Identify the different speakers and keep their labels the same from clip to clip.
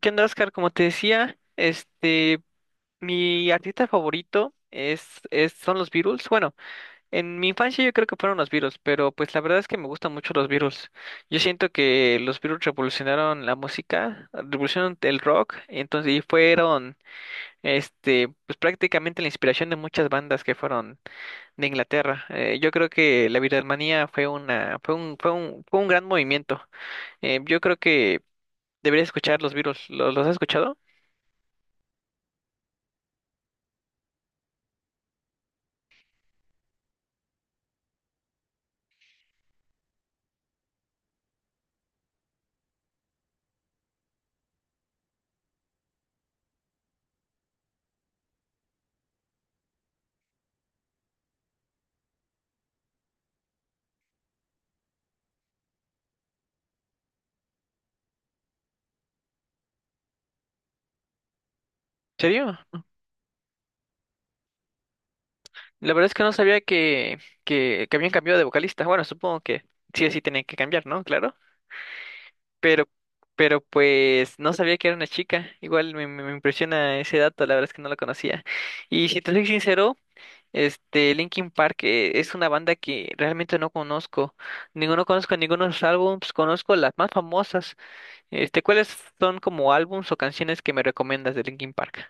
Speaker 1: ¿Qué onda, Oscar? Como te decía, mi artista favorito son los Beatles. Bueno, en mi infancia yo creo que fueron los Beatles, pero pues la verdad es que me gustan mucho los Beatles. Yo siento que los Beatles revolucionaron la música, revolucionaron el rock, pues prácticamente la inspiración de muchas bandas que fueron de Inglaterra. Yo creo que la Beatlemanía fue una, fue un, fue un, fue un gran movimiento. Yo creo que deberías escuchar los Beatles. Los has escuchado? ¿En serio? La verdad es que no sabía que habían cambiado de vocalista. Bueno, supongo que sí o sí tenían que cambiar, ¿no? Claro. Pero, pero pues no sabía que era una chica. Igual me impresiona ese dato, la verdad es que no lo conocía. Y si te soy sincero, este Linkin Park es una banda que realmente no conozco. Ninguno Conozco ninguno de sus álbumes, conozco las más famosas. ¿Cuáles son como álbums o canciones que me recomiendas de Linkin Park?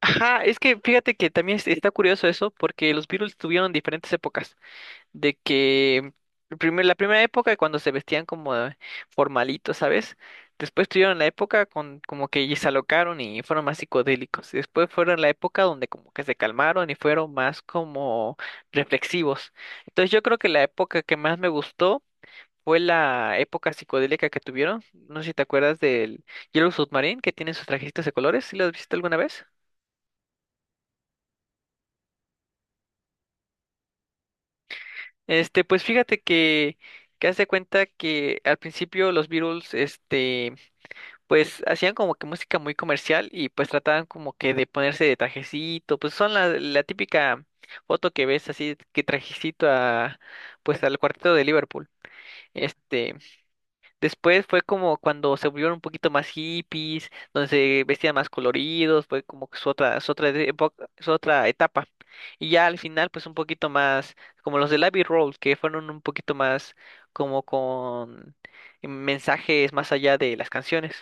Speaker 1: Ajá, es que fíjate que está curioso eso, porque los Beatles tuvieron diferentes épocas. De que La primera época cuando se vestían como formalitos, ¿sabes? Después tuvieron la época con como que y se alocaron y fueron más psicodélicos. Y después fueron la época donde como que se calmaron y fueron más como reflexivos. Entonces yo creo que la época que más me gustó fue la época psicodélica que tuvieron. No sé si te acuerdas del Yellow Submarine que tiene sus trajecitos de colores. ¿Sí lo has visto alguna vez? Pues fíjate que hace cuenta que al principio los Beatles, pues hacían como que música muy comercial y pues trataban como que de ponerse de trajecito, pues son la típica foto que ves así que trajecito a pues al cuarteto de Liverpool. Este, Después fue como cuando se volvieron un poquito más hippies, donde se vestían más coloridos, fue como que su otra etapa. Y ya al final, pues un poquito más, como los del Abbey Road, que fueron un poquito más como con mensajes más allá de las canciones.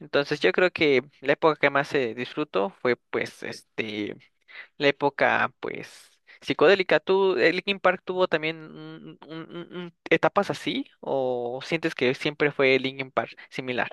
Speaker 1: Entonces yo creo que la época que más se disfrutó fue pues, la época, pues, psicodélica. ¿Tú, Linkin Park tuvo también etapas así? ¿O sientes que siempre fue Linkin Park similar?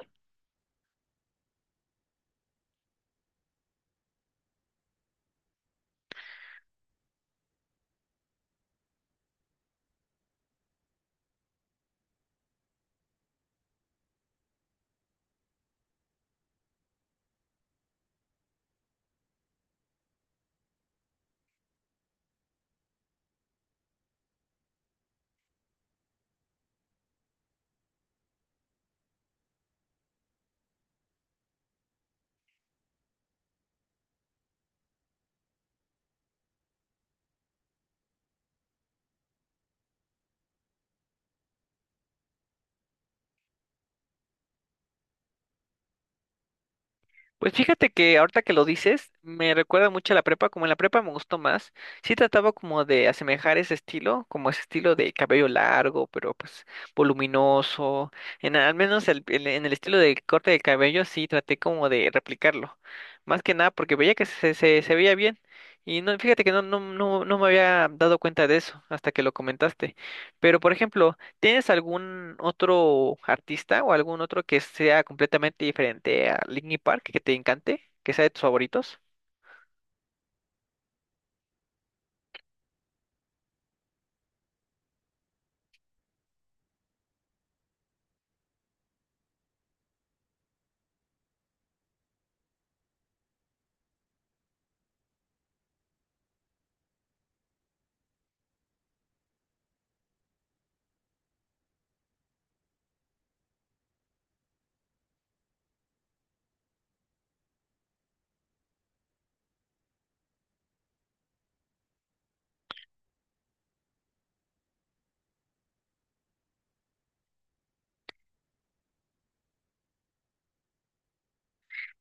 Speaker 1: Pues fíjate que ahorita que lo dices, me recuerda mucho a la prepa, como en la prepa me gustó más. Sí trataba como de asemejar ese estilo, como ese estilo de cabello largo, pero pues voluminoso. En al menos en el estilo de corte de cabello sí traté como de replicarlo. Más que nada porque veía que se veía bien. Y no, fíjate que no me había dado cuenta de eso hasta que lo comentaste. Pero por ejemplo, ¿tienes algún otro artista o algún otro que sea completamente diferente a Linkin Park que te encante, que sea de tus favoritos?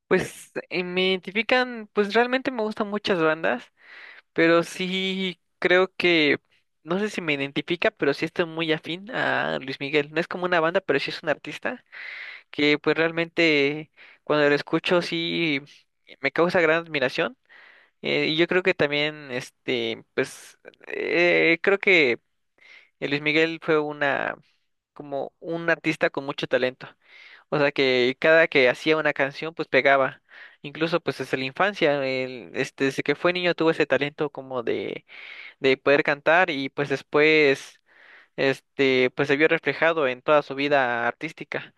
Speaker 1: Pues me identifican, pues realmente me gustan muchas bandas, pero sí creo que, no sé si me identifica, pero sí estoy muy afín a Luis Miguel. No es como una banda, pero sí es un artista que pues realmente cuando lo escucho sí me causa gran admiración. Y yo creo que también, pues, creo que Luis Miguel como un artista con mucho talento. O sea que cada que hacía una canción, pues pegaba. Incluso pues desde la infancia, desde que fue niño tuvo ese talento como de poder cantar y pues después, pues se vio reflejado en toda su vida artística.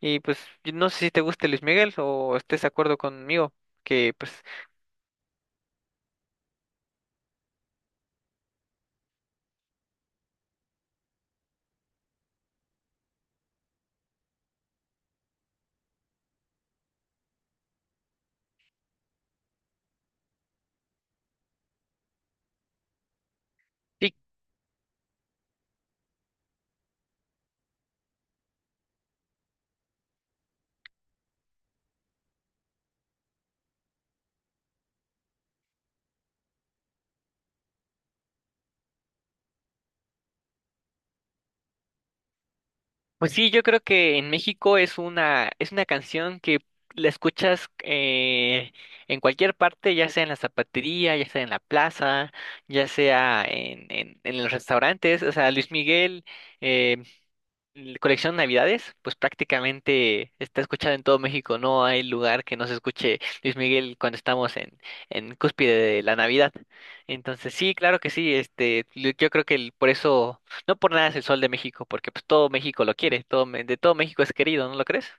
Speaker 1: Y pues yo no sé si te guste Luis Miguel o estés de acuerdo conmigo, que pues sí. Pues sí, yo creo que en México es una canción que la escuchas en cualquier parte, ya sea en la zapatería, ya sea en la plaza, ya sea en los restaurantes. O sea, Luis Miguel, eh, colección Navidades, pues prácticamente está escuchado en todo México. No hay lugar que no se escuche Luis Miguel cuando estamos en cúspide de la Navidad. Entonces, sí, claro que sí. Yo creo que por eso, no por nada es el sol de México, porque pues todo México lo quiere, todo, me- de todo México es querido, ¿no lo crees?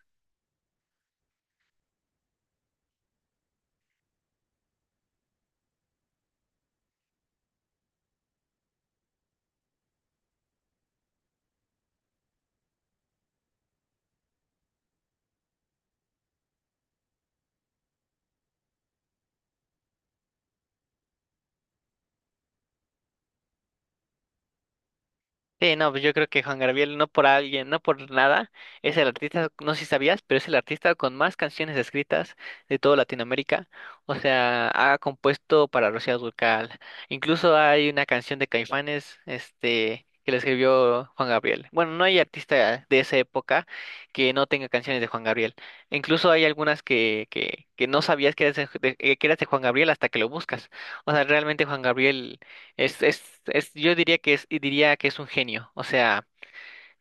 Speaker 1: Sí, no, pues yo creo que Juan Gabriel, no por alguien, no por nada, es el artista, no sé si sabías, pero es el artista con más canciones escritas de toda Latinoamérica. O sea, ha compuesto para Rocío Dúrcal. Incluso hay una canción de Caifanes, que la escribió Juan Gabriel. Bueno, no hay artista de esa época que no tenga canciones de Juan Gabriel. Incluso hay algunas que no sabías que eras que eras de Juan Gabriel hasta que lo buscas. O sea, realmente Juan Gabriel. Es, yo diría que es, y diría que es un genio. O sea,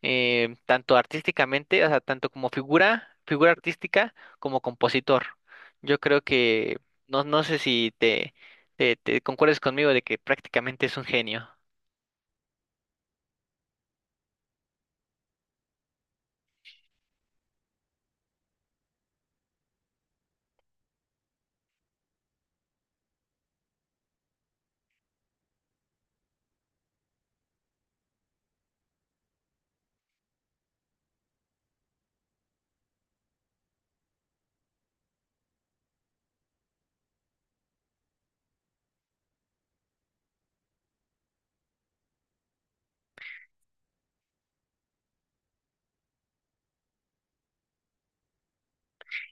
Speaker 1: tanto artísticamente, o sea, tanto como figura artística, como compositor. Yo creo que, no, no sé si te concuerdes conmigo de que prácticamente es un genio.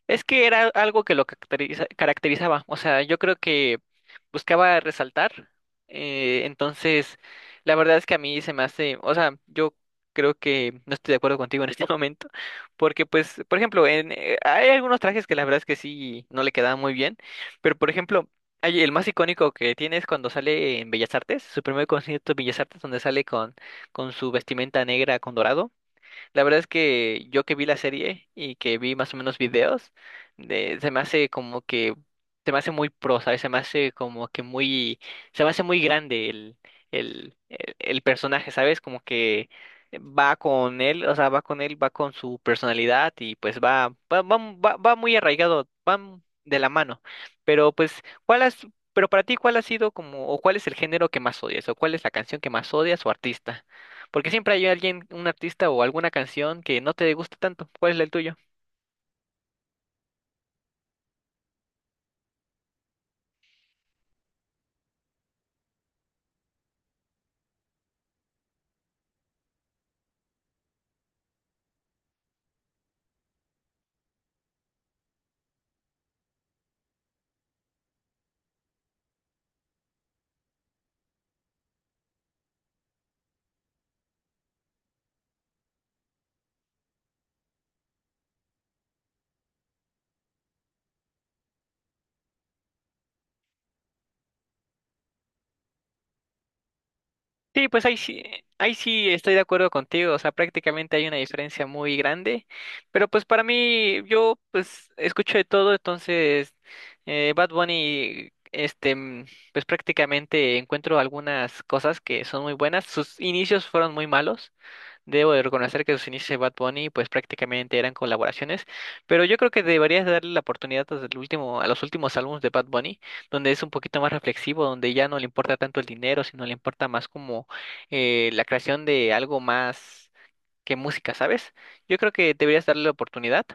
Speaker 1: Es que era algo que lo caracterizaba, o sea, yo creo que buscaba resaltar, entonces la verdad es que a mí se me hace, o sea, yo creo que no estoy de acuerdo contigo en este momento, porque pues, por ejemplo, hay algunos trajes que la verdad es que sí no le quedaban muy bien, pero por ejemplo, hay, el más icónico que tiene es cuando sale en Bellas Artes, su primer concierto en Bellas Artes, donde sale con su vestimenta negra con dorado. La verdad es que yo que vi la serie y que vi más o menos videos, se me hace como que, se me hace muy pro, ¿sabes? Se me hace como que muy, se me hace muy grande el personaje, ¿sabes? Como que va con él, o sea, va con él, va con su personalidad y pues va muy arraigado, van de la mano. Pero pues, pero para ti, ¿cuál ha sido como, o cuál es el género que más odias, o cuál es la canción que más odias o artista? Porque siempre hay alguien, un artista o alguna canción que no te gusta tanto. ¿Cuál es el tuyo? Sí, pues ahí sí estoy de acuerdo contigo. O sea, prácticamente hay una diferencia muy grande. Pero pues para mí, yo pues escucho de todo, entonces Bad Bunny, pues prácticamente encuentro algunas cosas que son muy buenas. Sus inicios fueron muy malos. Debo de reconocer que sus inicios de Bad Bunny pues prácticamente eran colaboraciones, pero yo creo que deberías darle la oportunidad a el último, a los últimos álbumes de Bad Bunny, donde es un poquito más reflexivo, donde ya no le importa tanto el dinero, sino le importa más como la creación de algo más que música, ¿sabes? Yo creo que deberías darle la oportunidad.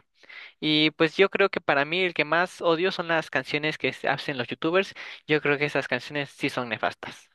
Speaker 1: Y pues yo creo que para mí el que más odio son las canciones que se hacen los youtubers. Yo creo que esas canciones sí son nefastas.